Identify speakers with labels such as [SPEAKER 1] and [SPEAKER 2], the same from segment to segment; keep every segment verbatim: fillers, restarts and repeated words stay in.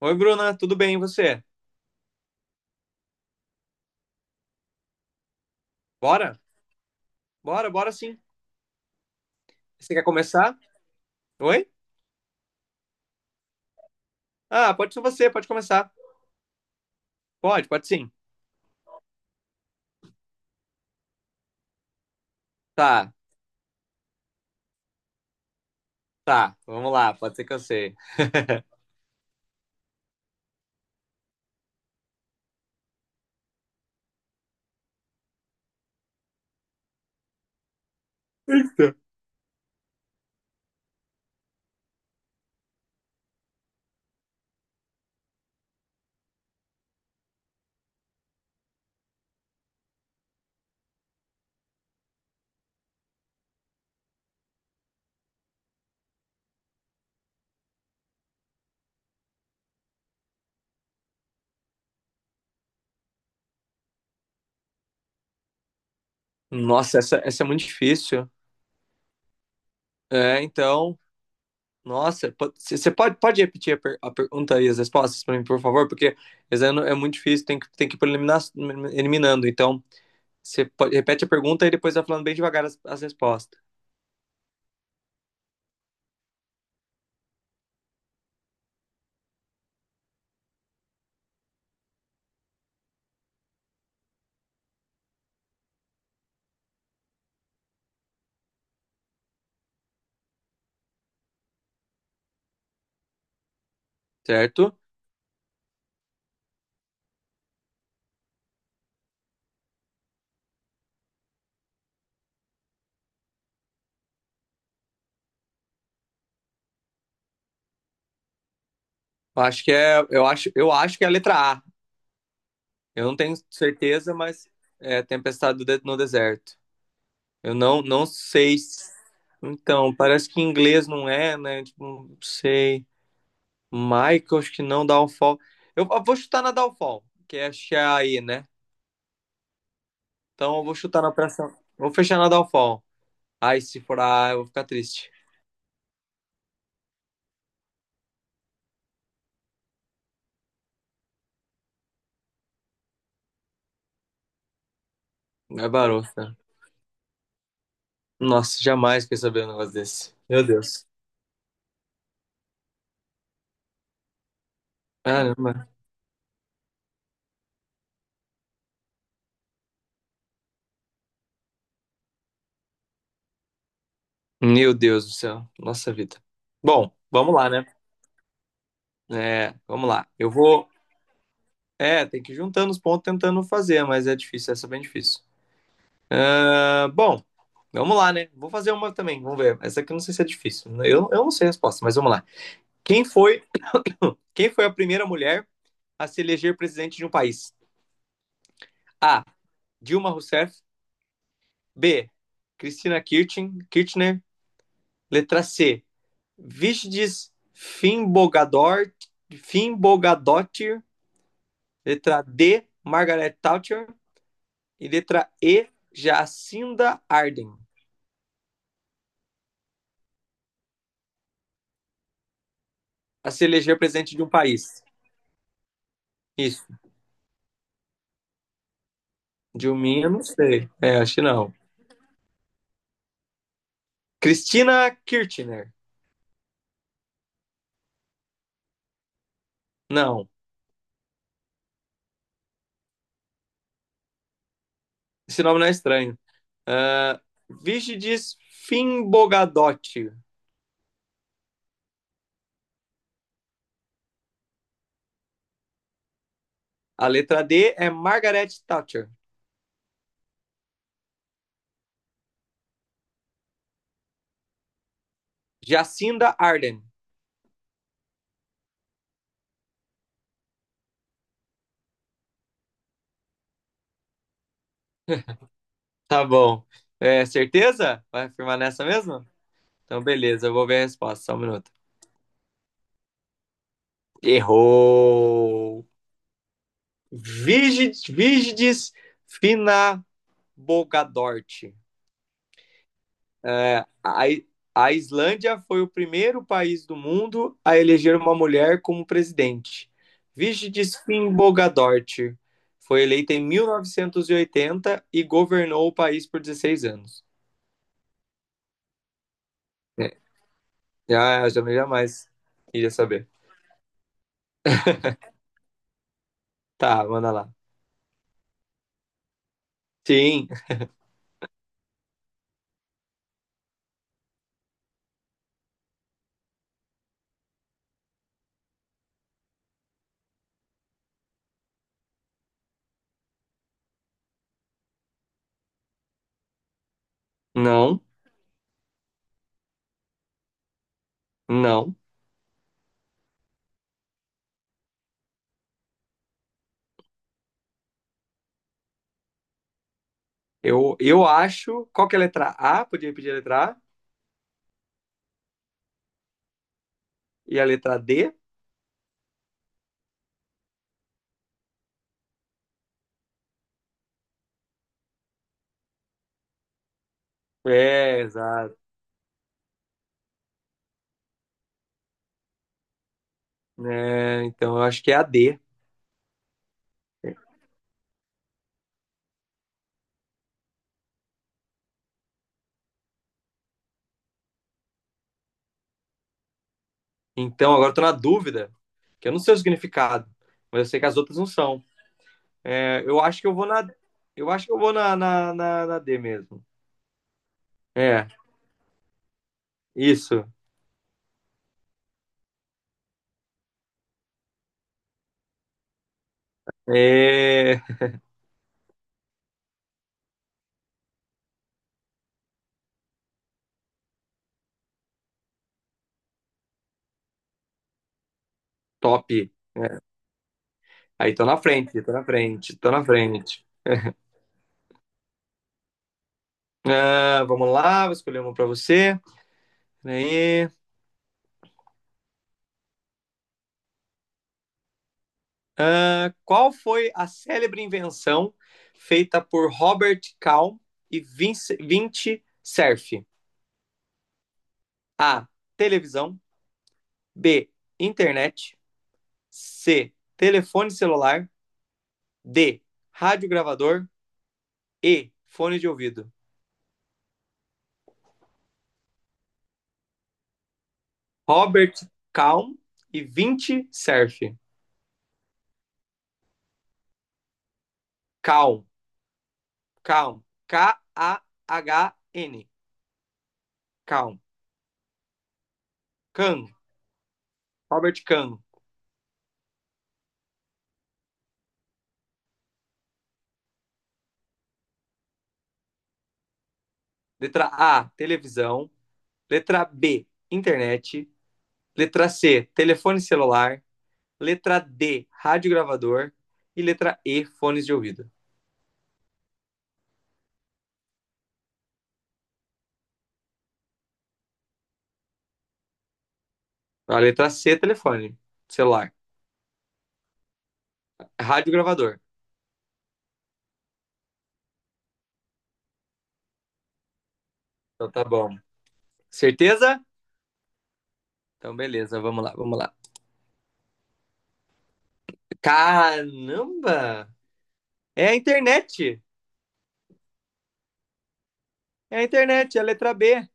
[SPEAKER 1] Oi, Bruna, tudo bem, e você? Bora? Bora, bora sim. Você quer começar? Oi? Ah, pode ser você, pode começar. Pode, pode sim. Tá, tá, vamos lá, pode ser que eu sei. Eita. Nossa, essa, essa é muito difícil. É, então, nossa, po- c- você pode, pode repetir a, per- a pergunta e as respostas para mim, por favor? Porque esse ano é muito difícil, tem que, tem que ir por eliminar, eliminando. Então, você pode- repete a pergunta e depois vai falando bem devagar as, as respostas, certo? Eu Acho que é, eu acho, eu acho que é a letra A. Eu não tenho certeza, mas é Tempestade do De- no Deserto. Eu não, não sei. se- Então, parece que em inglês não é, né? Tipo, não sei. Michael, acho que não, Downfall. Eu eu vou chutar na Downfall, que é aí, né? Então eu vou chutar na pressão. Vou fechar na Downfall. Ai, se for A, A, eu vou ficar triste. É barota. Nossa, jamais queria saber um negócio desse. Meu Deus. Caramba. Meu Deus do céu. Nossa vida. Bom, vamos lá, né? É, vamos lá. Eu vou. É, tem que ir juntando os pontos tentando fazer, mas é difícil, essa é bem difícil. Ah, bom, vamos lá, né? Vou fazer uma também, vamos ver. Essa aqui eu não sei se é difícil. Eu, eu não sei a resposta, mas vamos lá. Quem foi, quem foi a primeira mulher a se eleger presidente de um país? A. Dilma Rousseff. B. Cristina Kirchen, Kirchner. Letra C. Vigdis Finnbogador, Finnbogadottir. Letra D. Margaret Thatcher. E letra E. Jacinda Ardern. A se eleger presidente de um país. Isso. Dilminha, não sei. É, acho que não. Cristina Kirchner. Não, esse nome não é estranho. Uh, Vigidis Finbogadotti. A letra D é Margaret Thatcher. Jacinda Ardern. Tá bom. É, certeza? Vai afirmar nessa mesmo? Então, beleza, eu vou ver a resposta. Só um minuto. Errou! Vigid, Vigidis Finabogadort. É, a, a Islândia foi o primeiro país do mundo a eleger uma mulher como presidente. Vigdis Finnbogadóttir foi eleita em mil novecentos e oitenta e oitenta e governou o país por dezesseis anos. É, já, já jamais iria saber. Tá, manda lá. Sim, não, não. Eu, eu acho. Qual que é a letra A? Podia repetir a letra A? E a letra D? É, exato. É, então eu acho que é a D. Então, agora eu tô na dúvida, que eu não sei o significado, mas eu sei que as outras não são. É, eu acho que eu vou na. Eu acho que eu vou na, na, na, na D mesmo. É, isso. É, top. Aí tô na frente, tô na frente, tô na frente. Ah, vamos lá, vou escolher uma para você. Aí, ah, qual foi a célebre invenção feita por Robert Calm e Vince, Vinci Cerf? A. Televisão. B. Internet. C. Telefone celular. D. Rádio gravador. E. Fone de ouvido. Robert Calm e vinte Surf. Calm. Calm. K A H N. Calm. Kahn. Robert Kahn. Letra A. Televisão. Letra B. Internet. Letra C. Telefone celular. Letra D. Rádio gravador. E letra E. Fones de ouvido. A letra C. Telefone celular. Rádio gravador. Então tá bom. Certeza? Então, beleza, vamos lá, vamos lá. Caramba! É a internet! É a internet, é a letra B.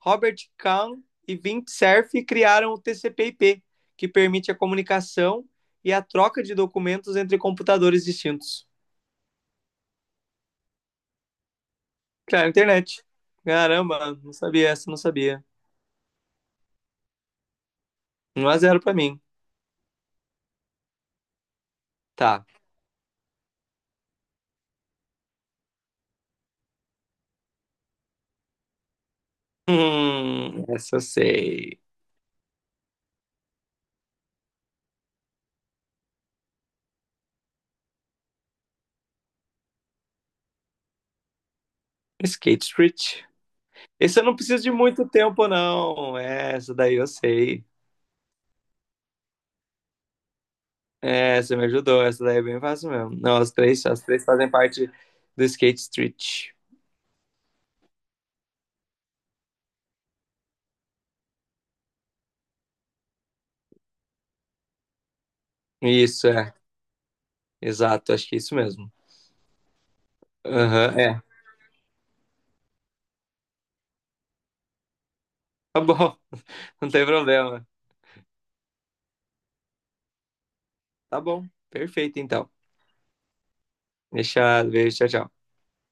[SPEAKER 1] Robert Kahn e Vint Cerf criaram o T C P/I P, que permite a comunicação e a troca de documentos entre computadores distintos. Claro, internet. Caramba, não sabia essa, não sabia. Um a zero pra mim. Tá. Hum, essa eu sei. Skate Street. Esse eu não preciso de muito tempo, não. Essa daí eu sei. É, você me ajudou. Essa daí é bem fácil mesmo. Não, as três, as três fazem parte do Skate Street. Isso, é. Exato, acho que é isso mesmo. Aham, é. Tá bom, não tem problema. Tá bom, perfeito então. Deixa, beijo, tchau, tchau.